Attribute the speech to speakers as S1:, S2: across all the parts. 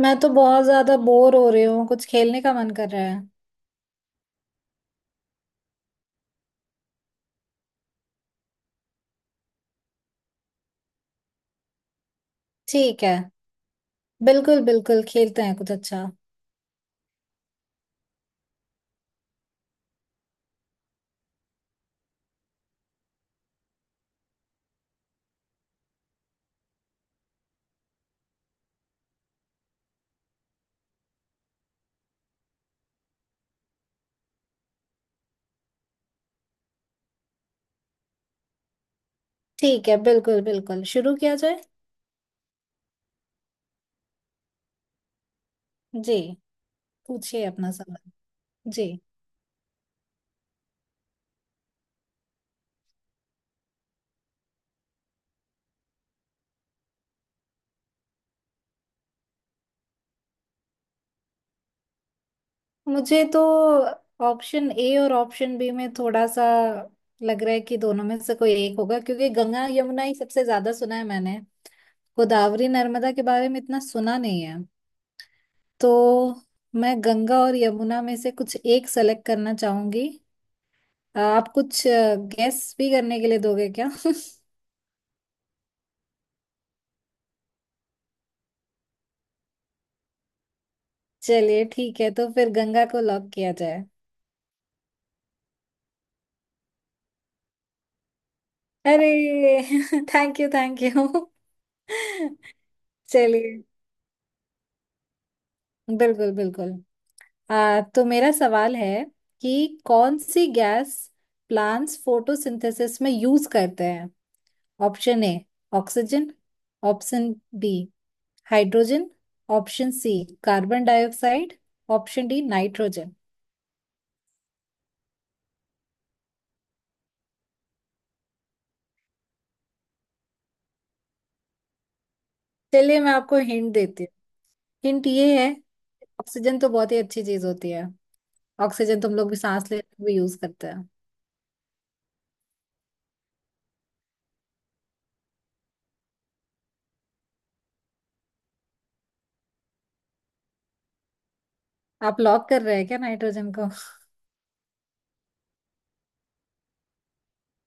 S1: मैं तो बहुत ज्यादा बोर हो रही हूँ। कुछ खेलने का मन कर रहा है। ठीक है, बिल्कुल बिल्कुल खेलते हैं कुछ अच्छा। ठीक है, बिल्कुल बिल्कुल शुरू किया जाए। जी, पूछिए अपना सवाल। जी, मुझे तो ऑप्शन ए और ऑप्शन बी में थोड़ा सा लग रहा है कि दोनों में से कोई एक होगा, क्योंकि गंगा यमुना ही सबसे ज्यादा सुना है मैंने। गोदावरी नर्मदा के बारे में इतना सुना नहीं है, तो मैं गंगा और यमुना में से कुछ एक सेलेक्ट करना चाहूंगी। आप कुछ गेस भी करने के लिए दोगे क्या? चलिए ठीक है, तो फिर गंगा को लॉक किया जाए। अरे! Thank you, thank you. चलिए। बिल्कुल बिल्कुल। तो मेरा सवाल है कि कौन सी गैस प्लांट्स फोटोसिंथेसिस में यूज करते हैं। Option A oxygen, option B hydrogen, option C carbon dioxide, option D nitrogen. चलिए, मैं आपको हिंट देती हूँ। हिंट ये है। ऑक्सीजन तो बहुत ही अच्छी चीज होती है। ऑक्सीजन तुम लोग भी सांस लेने में भी यूज करते हैं। आप लॉक कर रहे हैं क्या नाइट्रोजन को?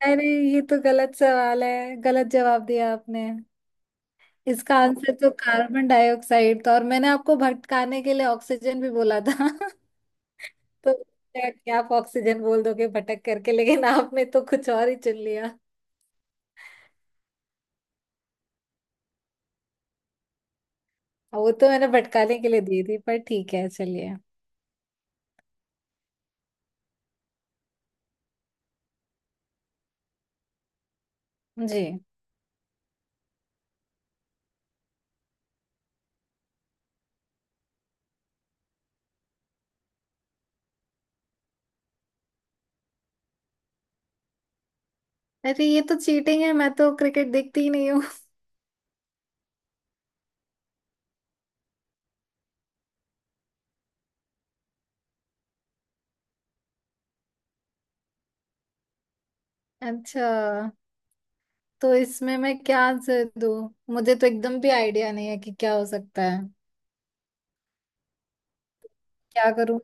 S1: अरे, ये तो गलत सवाल है, गलत जवाब दिया आपने। इसका आंसर तो कार्बन डाइऑक्साइड था, और मैंने आपको भटकाने के लिए ऑक्सीजन भी बोला था। तो क्या आप ऑक्सीजन बोल दोगे भटक करके, लेकिन आपने तो कुछ और ही चुन लिया। वो तो मैंने भटकाने के लिए दी थी, पर ठीक है चलिए। जी, अरे ये तो चीटिंग है, मैं तो क्रिकेट देखती ही नहीं। अच्छा, तो इसमें मैं क्या आंसर दूँ? मुझे तो एकदम भी आइडिया नहीं है कि क्या हो सकता है। क्या करूँ?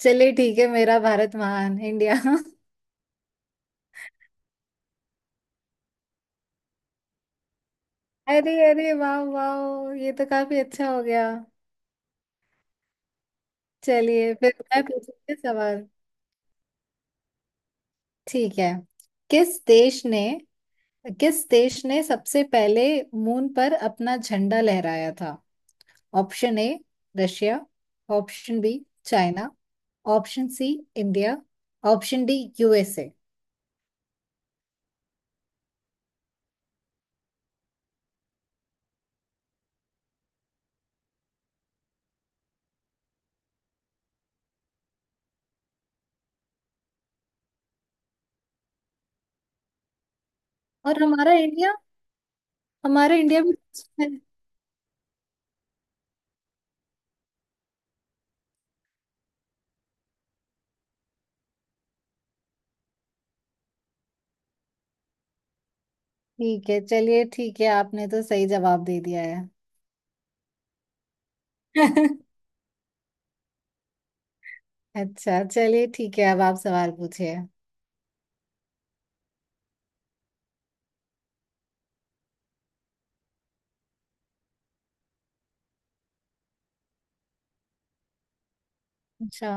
S1: चलिए ठीक है, मेरा भारत महान, इंडिया। अरे अरे, वाह वाह, ये तो काफी अच्छा हो गया। चलिए, फिर मैं पूछूंगी सवाल। ठीक है। किस देश ने किस देश ने सबसे पहले मून पर अपना झंडा लहराया था? Option A Russia, option B China, option C India, option D USA. और हमारा इंडिया? हमारा इंडिया भी है। ठीक है, चलिए, ठीक है, आपने तो सही जवाब दे दिया है। अच्छा चलिए, ठीक है, अब आप सवाल पूछिए। अच्छा।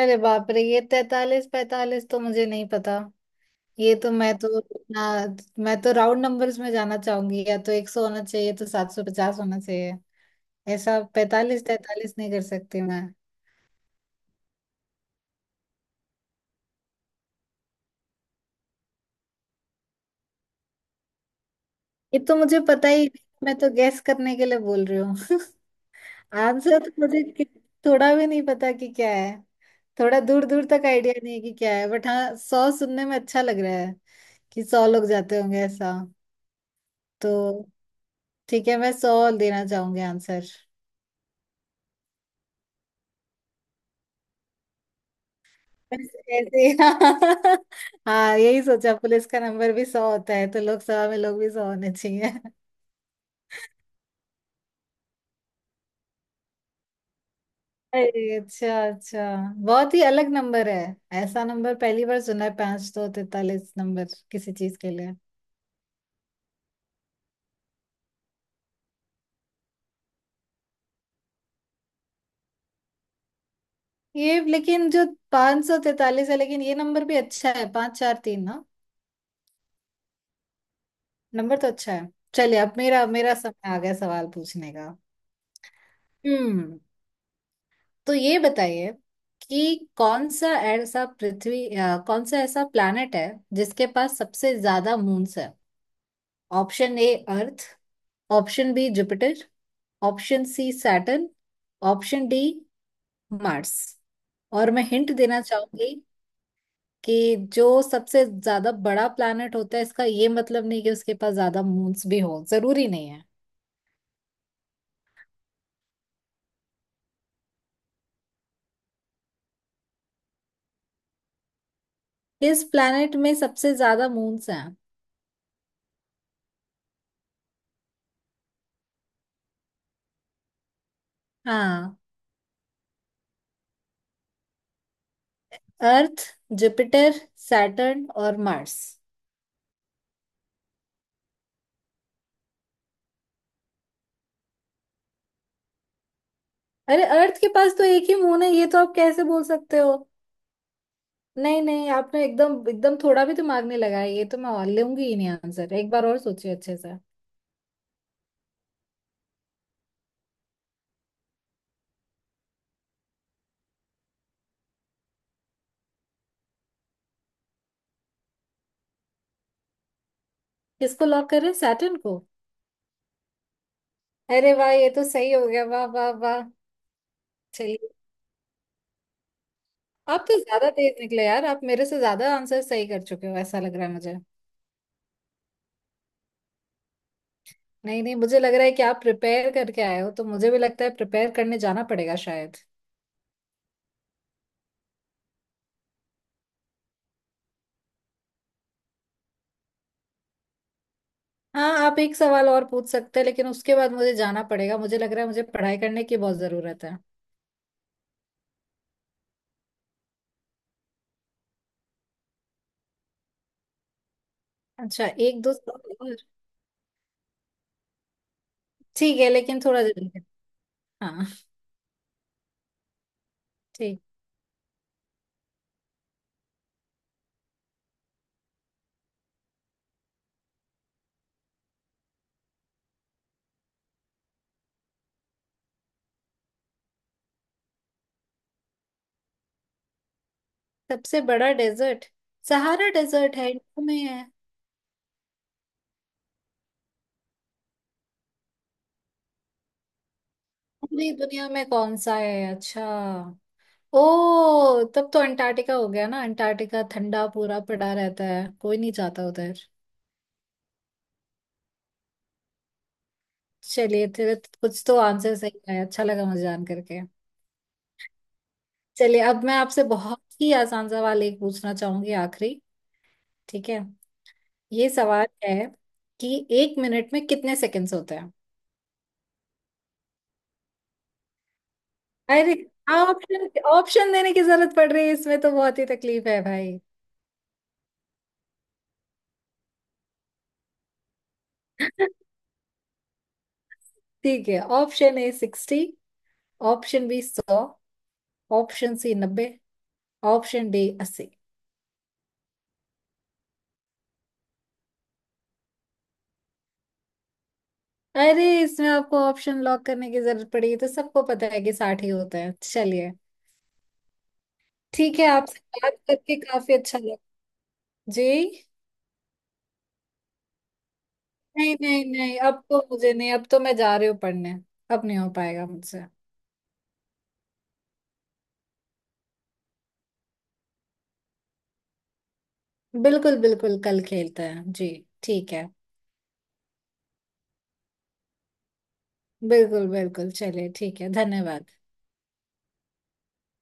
S1: अरे बाप रे, ये तैतालीस पैतालीस तो मुझे नहीं पता। ये तो मैं तो, ना, मैं तो राउंड नंबर्स में जाना चाहूंगी। या तो 100 होना चाहिए, तो 750 होना चाहिए। ऐसा पैतालीस तैतालीस नहीं कर सकती मैं। ये तो मुझे पता ही नहीं, मैं तो गैस करने के लिए बोल रही हूँ। आंसर तो थोड़ा भी नहीं पता कि क्या है। थोड़ा दूर दूर तक आइडिया नहीं है कि क्या है, बट हाँ, 100 सुनने में अच्छा लग रहा है कि 100 लोग जाते होंगे ऐसा। तो ठीक है, मैं 100 देना चाहूंगी आंसर। बस ऐसे, हाँ। हाँ, यही सोचा, पुलिस का नंबर भी 100 होता है, तो लोकसभा में लोग भी 100 होने चाहिए। अरे अच्छा अच्छा, बहुत ही अलग नंबर है। ऐसा नंबर पहली बार सुना है, 543 नंबर किसी चीज के लिए। ये लेकिन जो 543 है, लेकिन ये नंबर भी अच्छा है, 5, 4, 3 ना। नंबर तो अच्छा है। चलिए, अब मेरा मेरा समय आ गया सवाल पूछने का। हम्म, तो ये बताइए कि कौन सा ऐसा पृथ्वी, कौन सा ऐसा प्लैनेट है जिसके पास सबसे ज्यादा मून्स है? Option A earth, option B Jupiter, option C Saturn, option D Mars. और मैं हिंट देना चाहूंगी कि जो सबसे ज्यादा बड़ा प्लैनेट होता है, इसका ये मतलब नहीं कि उसके पास ज्यादा मून्स भी हो, जरूरी नहीं है। इस प्लैनेट में सबसे ज्यादा मून्स हैं। हाँ। अर्थ, जुपिटर, सैटर्न और मार्स। अरे, अर्थ के पास तो एक ही मून है, ये तो आप कैसे बोल सकते हो? नहीं नहीं, आपने एकदम एकदम थोड़ा भी दिमाग नहीं लगाया, ये तो मैं और लूंगी ही नहीं आंसर, एक बार और सोचिए अच्छे से। किसको लॉक करें, सैटर्न को? अरे वाह, ये तो सही हो गया, वाह वाह वाह। चलिए। आप तो ज्यादा तेज निकले यार, आप मेरे से ज्यादा आंसर सही कर चुके हो, ऐसा लग रहा है मुझे। नहीं नहीं, मुझे लग रहा है कि आप प्रिपेयर करके आए हो, तो मुझे भी लगता है प्रिपेयर करने जाना पड़ेगा शायद। हाँ, आप एक सवाल और पूछ सकते हैं, लेकिन उसके बाद मुझे जाना पड़ेगा, मुझे लग रहा है मुझे पढ़ाई करने की बहुत जरूरत है। अच्छा, एक दो सवाल और। ठीक है, लेकिन हाँ। ठीक। सबसे बड़ा डेजर्ट सहारा डेजर्ट है, इंडिया में है। पूरी दुनिया में कौन सा है, अच्छा। ओ, तब तो अंटार्कटिका हो गया ना, अंटार्कटिका ठंडा पूरा पड़ा रहता है, कोई नहीं जाता उधर। चलिए तेरे कुछ तो आंसर सही है, अच्छा लगा मुझे जान करके। चलिए, अब मैं आपसे बहुत ही आसान सवाल एक पूछना चाहूंगी आखिरी। ठीक है। ये सवाल है कि एक मिनट में कितने सेकंड्स होते हैं? अरे, ऑप्शन ऑप्शन देने की जरूरत पड़ रही है, इसमें तो बहुत ही तकलीफ है भाई। ठीक है, ऑप्शन ए 60, option B 100, option C 90, option D 80। अरे, इसमें आपको ऑप्शन लॉक करने की जरूरत पड़ी, तो सबको पता है कि 60 ही होता है, चलिए। ठीक है, आपसे बात करके काफी अच्छा लगा। जी, नहीं नहीं नहीं, अब तो मुझे नहीं, अब तो मैं जा रही हूँ पढ़ने। अब नहीं हो पाएगा मुझसे। बिल्कुल बिल्कुल, कल खेलते हैं जी। ठीक है, बिल्कुल बिल्कुल, चलिए ठीक है, धन्यवाद।